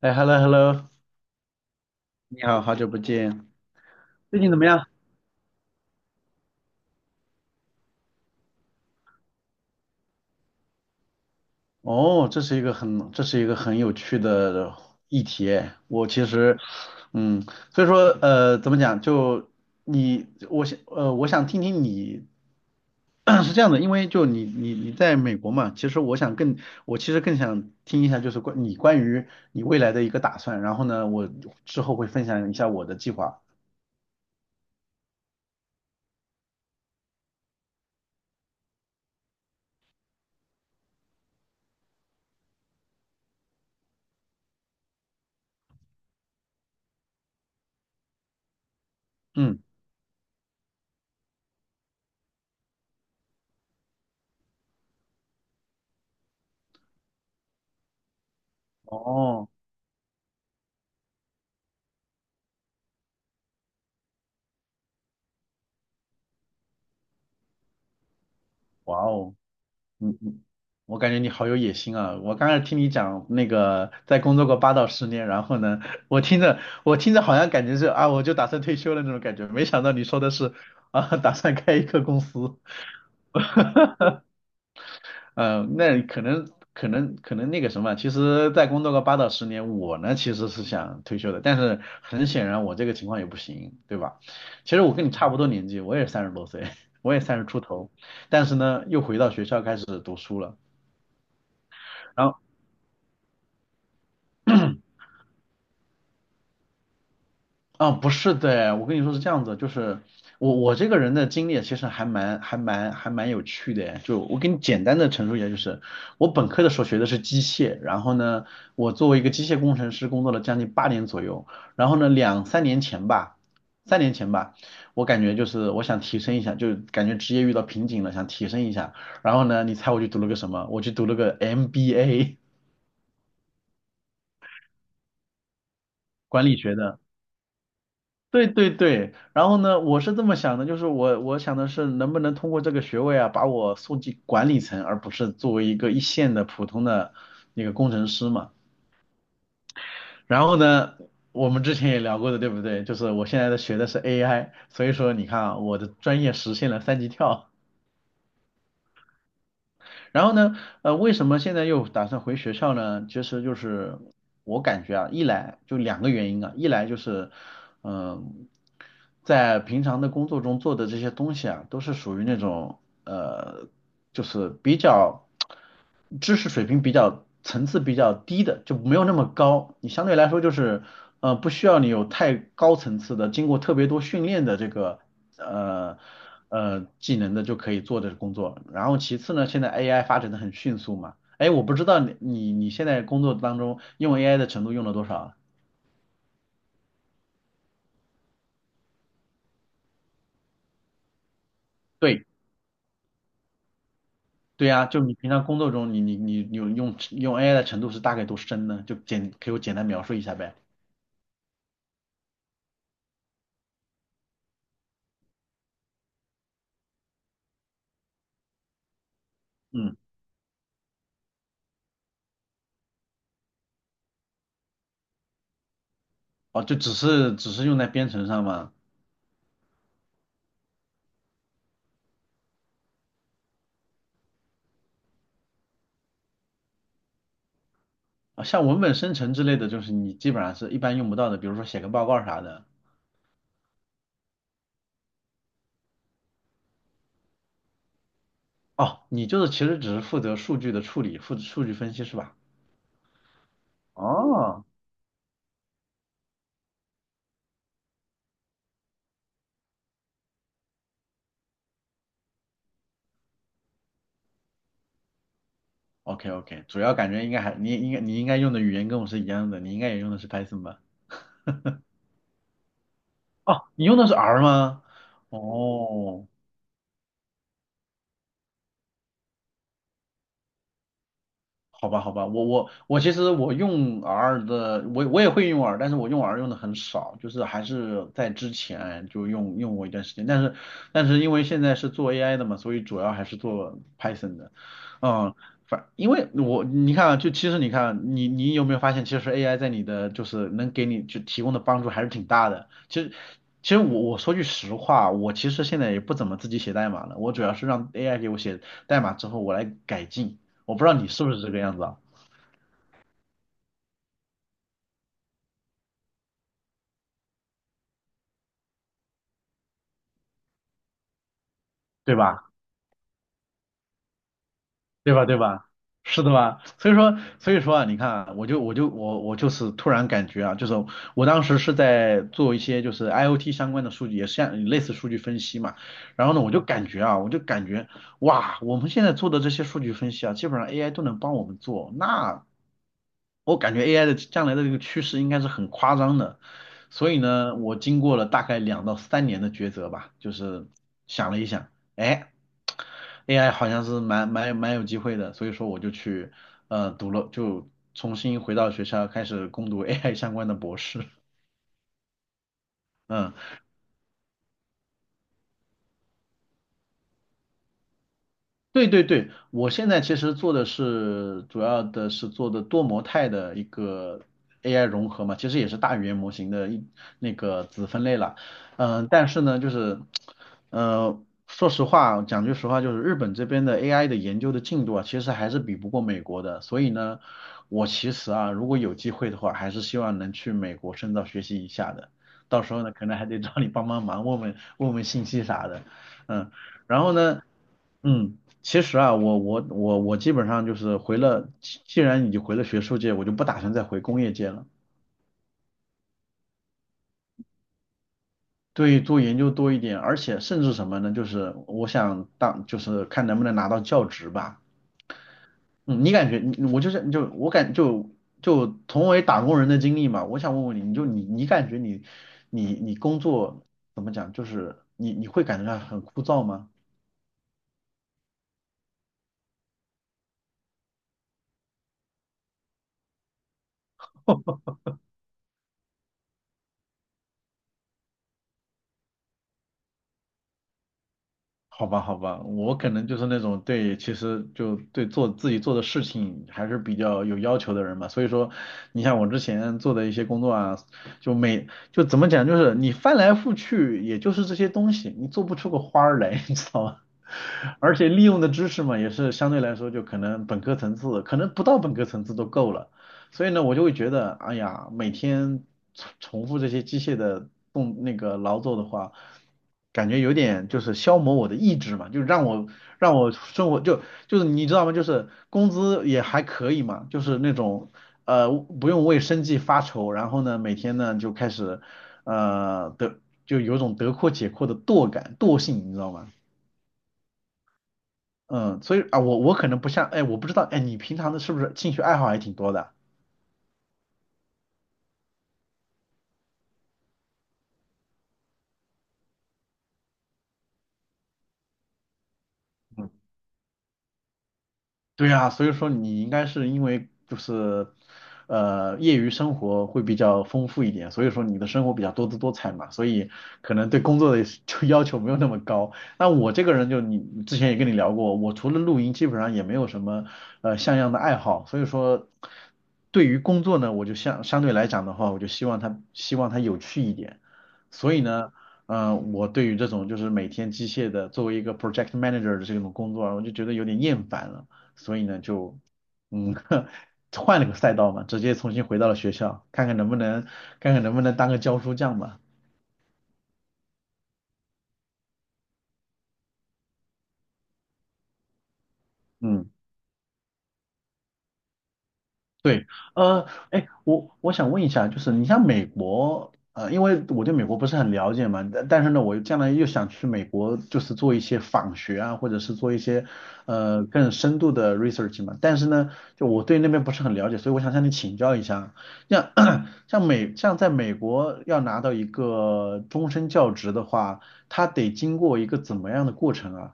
哎，hello hello，你好，好久不见，最近怎么样？哦，这是一个很有趣的议题哎。我其实，嗯，所以说怎么讲？就你，我想听听你 是这样的，因为就你在美国嘛，其实我其实更想听一下，就是关于你未来的一个打算。然后呢，我之后会分享一下我的计划。嗯，哦，哇哦。嗯嗯，我感觉你好有野心啊！我刚才听你讲那个在工作过八到十年，然后呢，我听着好像感觉是啊，我就打算退休了那种感觉，没想到你说的是啊，打算开一个公司，嗯，那可能那个什么，其实在工作个八到十年，我呢其实是想退休的，但是很显然我这个情况也不行，对吧？其实我跟你差不多年纪，我也30多岁，我也30出头，但是呢又回到学校开始读书了。然后，啊，不是的，我跟你说是这样子，就是我这个人的经历其实还蛮有趣的，就我给你简单的陈述一下，就是我本科的时候学的是机械，然后呢，我作为一个机械工程师工作了将近8年左右，然后呢，两三年前吧，三年前吧，我感觉就是我想提升一下，就感觉职业遇到瓶颈了，想提升一下，然后呢，你猜我去读了个什么？我去读了个 MBA 管理学的。对对对，然后呢，我是这么想的，就是我想的是能不能通过这个学位啊，把我送进管理层，而不是作为一个一线的普通的那个工程师嘛。然后呢，我们之前也聊过的，对不对？就是我现在的学的是 AI，所以说你看啊，我的专业实现了三级跳。然后呢，为什么现在又打算回学校呢？其实就是我感觉啊，一来就2个原因啊，一来就是，嗯、在平常的工作中做的这些东西啊，都是属于那种呃，就是比较知识水平比较层次比较低的，就没有那么高。你相对来说就是，不需要你有太高层次的，经过特别多训练的这个呃技能的就可以做的工作。然后其次呢，现在 AI 发展的很迅速嘛，哎，我不知道你现在工作当中用 AI 的程度用了多少啊对对呀，就你平常工作中你有用 AI 的程度是大概多深呢？就给我简单描述一下呗。嗯，哦，就只是用在编程上吗？啊，像文本生成之类的，就是你基本上是一般用不到的，比如说写个报告啥的。哦，你就是其实只是负责数据的处理，负责数据分析是吧？哦，OK OK，主要感觉应该你应该用的语言跟我是一样的，你应该也用的是 Python 吧？哦，你用的是 R 吗？哦好吧，好吧，我其实我用 R 的，我也会用 R，但是我用 R 用的很少，就是还是在之前就用过一段时间，但是因为现在是做 AI 的嘛，所以主要还是做 Python 的，嗯，因为我你看啊，就其实你看啊你有没有发现，其实 AI 在你的就是能给你就提供的帮助还是挺大的，其实。其实我说句实话，我其实现在也不怎么自己写代码了，我主要是让 AI 给我写代码之后，我来改进。我不知道你是不是这个样子啊，对吧？对吧？对吧？是的吧？所以说，所以说啊，你看啊，我就是突然感觉啊，就是我当时是在做一些就是 IoT 相关的数据，也是像类似数据分析嘛。然后呢，我就感觉啊，我就感觉哇，我们现在做的这些数据分析啊，基本上 AI 都能帮我们做，那我感觉 AI 的将来的这个趋势应该是很夸张的，所以呢，我经过了大概2到3年的抉择吧，就是想了一想，哎，AI 好像是蛮有机会的，所以说我就去读了，就重新回到学校开始攻读 AI 相关的博士。嗯，对对对，我现在其实做的是主要的是做的多模态的一个 AI 融合嘛，其实也是大语言模型的那个子分类了。但是呢，就是呃，说实话，讲句实话，就是日本这边的 AI 的研究的进度啊，其实还是比不过美国的。所以呢，我其实啊，如果有机会的话，还是希望能去美国深造学习一下的。到时候呢，可能还得找你帮帮忙，问问信息啥的。嗯，然后呢，嗯。其实啊，我基本上就是回了，既然已经回了学术界，我就不打算再回工业界了。对，做研究多一点，而且甚至什么呢？就是我想当，就是看能不能拿到教职吧。嗯，你感觉你我就是就我感就就同为打工人的经历嘛，我想问问你，你就你你感觉你工作怎么讲？就是你会感觉到很枯燥吗？好吧，好吧，我可能就是那种对，其实就对做自己做的事情还是比较有要求的人嘛。所以说，你像我之前做的一些工作啊，就每就怎么讲，就是你翻来覆去，也就是这些东西，你做不出个花儿来，你知道吗？而且利用的知识嘛，也是相对来说就可能本科层次，可能不到本科层次都够了。所以呢，我就会觉得，哎呀，每天重复这些机械的那个劳作的话，感觉有点就是消磨我的意志嘛，就让我生活就是你知道吗？就是工资也还可以嘛，就是那种不用为生计发愁，然后呢每天呢就开始呃得就有种得阔且阔的惰性，你知道吗？嗯，所以啊我可能不像哎我不知道哎你平常的是不是兴趣爱好还挺多的？嗯对啊，所以说你应该是因为就是，业余生活会比较丰富一点，所以说你的生活比较多姿多彩嘛，所以可能对工作的 就要求没有那么高。那我这个人就你之前也跟你聊过，我除了露营，基本上也没有什么像样的爱好，所以说对于工作呢，我就相对来讲的话，我就希望它有趣一点。所以呢，我对于这种就是每天机械的作为一个 project manager 的这种工作啊我就觉得有点厌烦了。所以呢就嗯 换了个赛道嘛，直接重新回到了学校，看看能不能当个教书匠吧。嗯。对，哎，我想问一下，就是你像美国，因为我对美国不是很了解嘛，但是呢，我将来又想去美国，就是做一些访学啊，或者是做一些更深度的 research 嘛，但是呢，就我对那边不是很了解，所以我想向你请教一下，像 像在美国要拿到一个终身教职的话，它得经过一个怎么样的过程啊？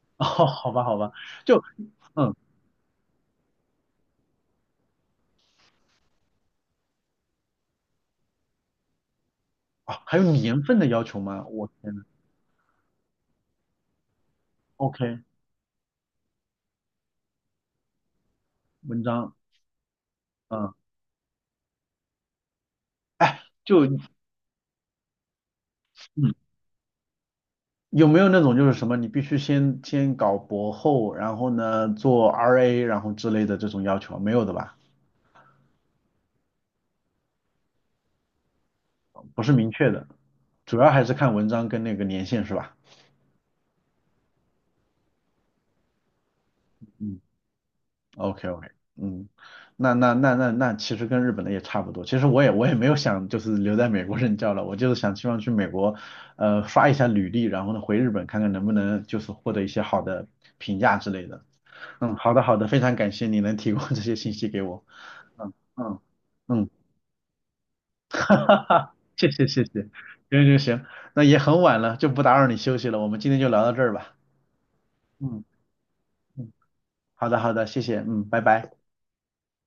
哦，好吧，好吧，就嗯，啊，还有年份的要求吗？我天呐！OK，文章，嗯，哎，就嗯，有没有那种就是什么，你必须先搞博后，然后呢做 RA，然后之类的这种要求，没有的吧？不是明确的，主要还是看文章跟那个年限是吧？嗯。OK OK，嗯，那其实跟日本的也差不多。其实我也没有想就是留在美国任教了，我就是想希望去美国，刷一下履历，然后呢回日本看看能不能就是获得一些好的评价之类的。嗯，好的好的，非常感谢你能提供这些信息给我。嗯嗯嗯，哈，谢谢谢谢，行行行，那也很晚了，就不打扰你休息了，我们今天就聊到这儿吧。嗯嗯，好的好的，谢谢，嗯，拜拜。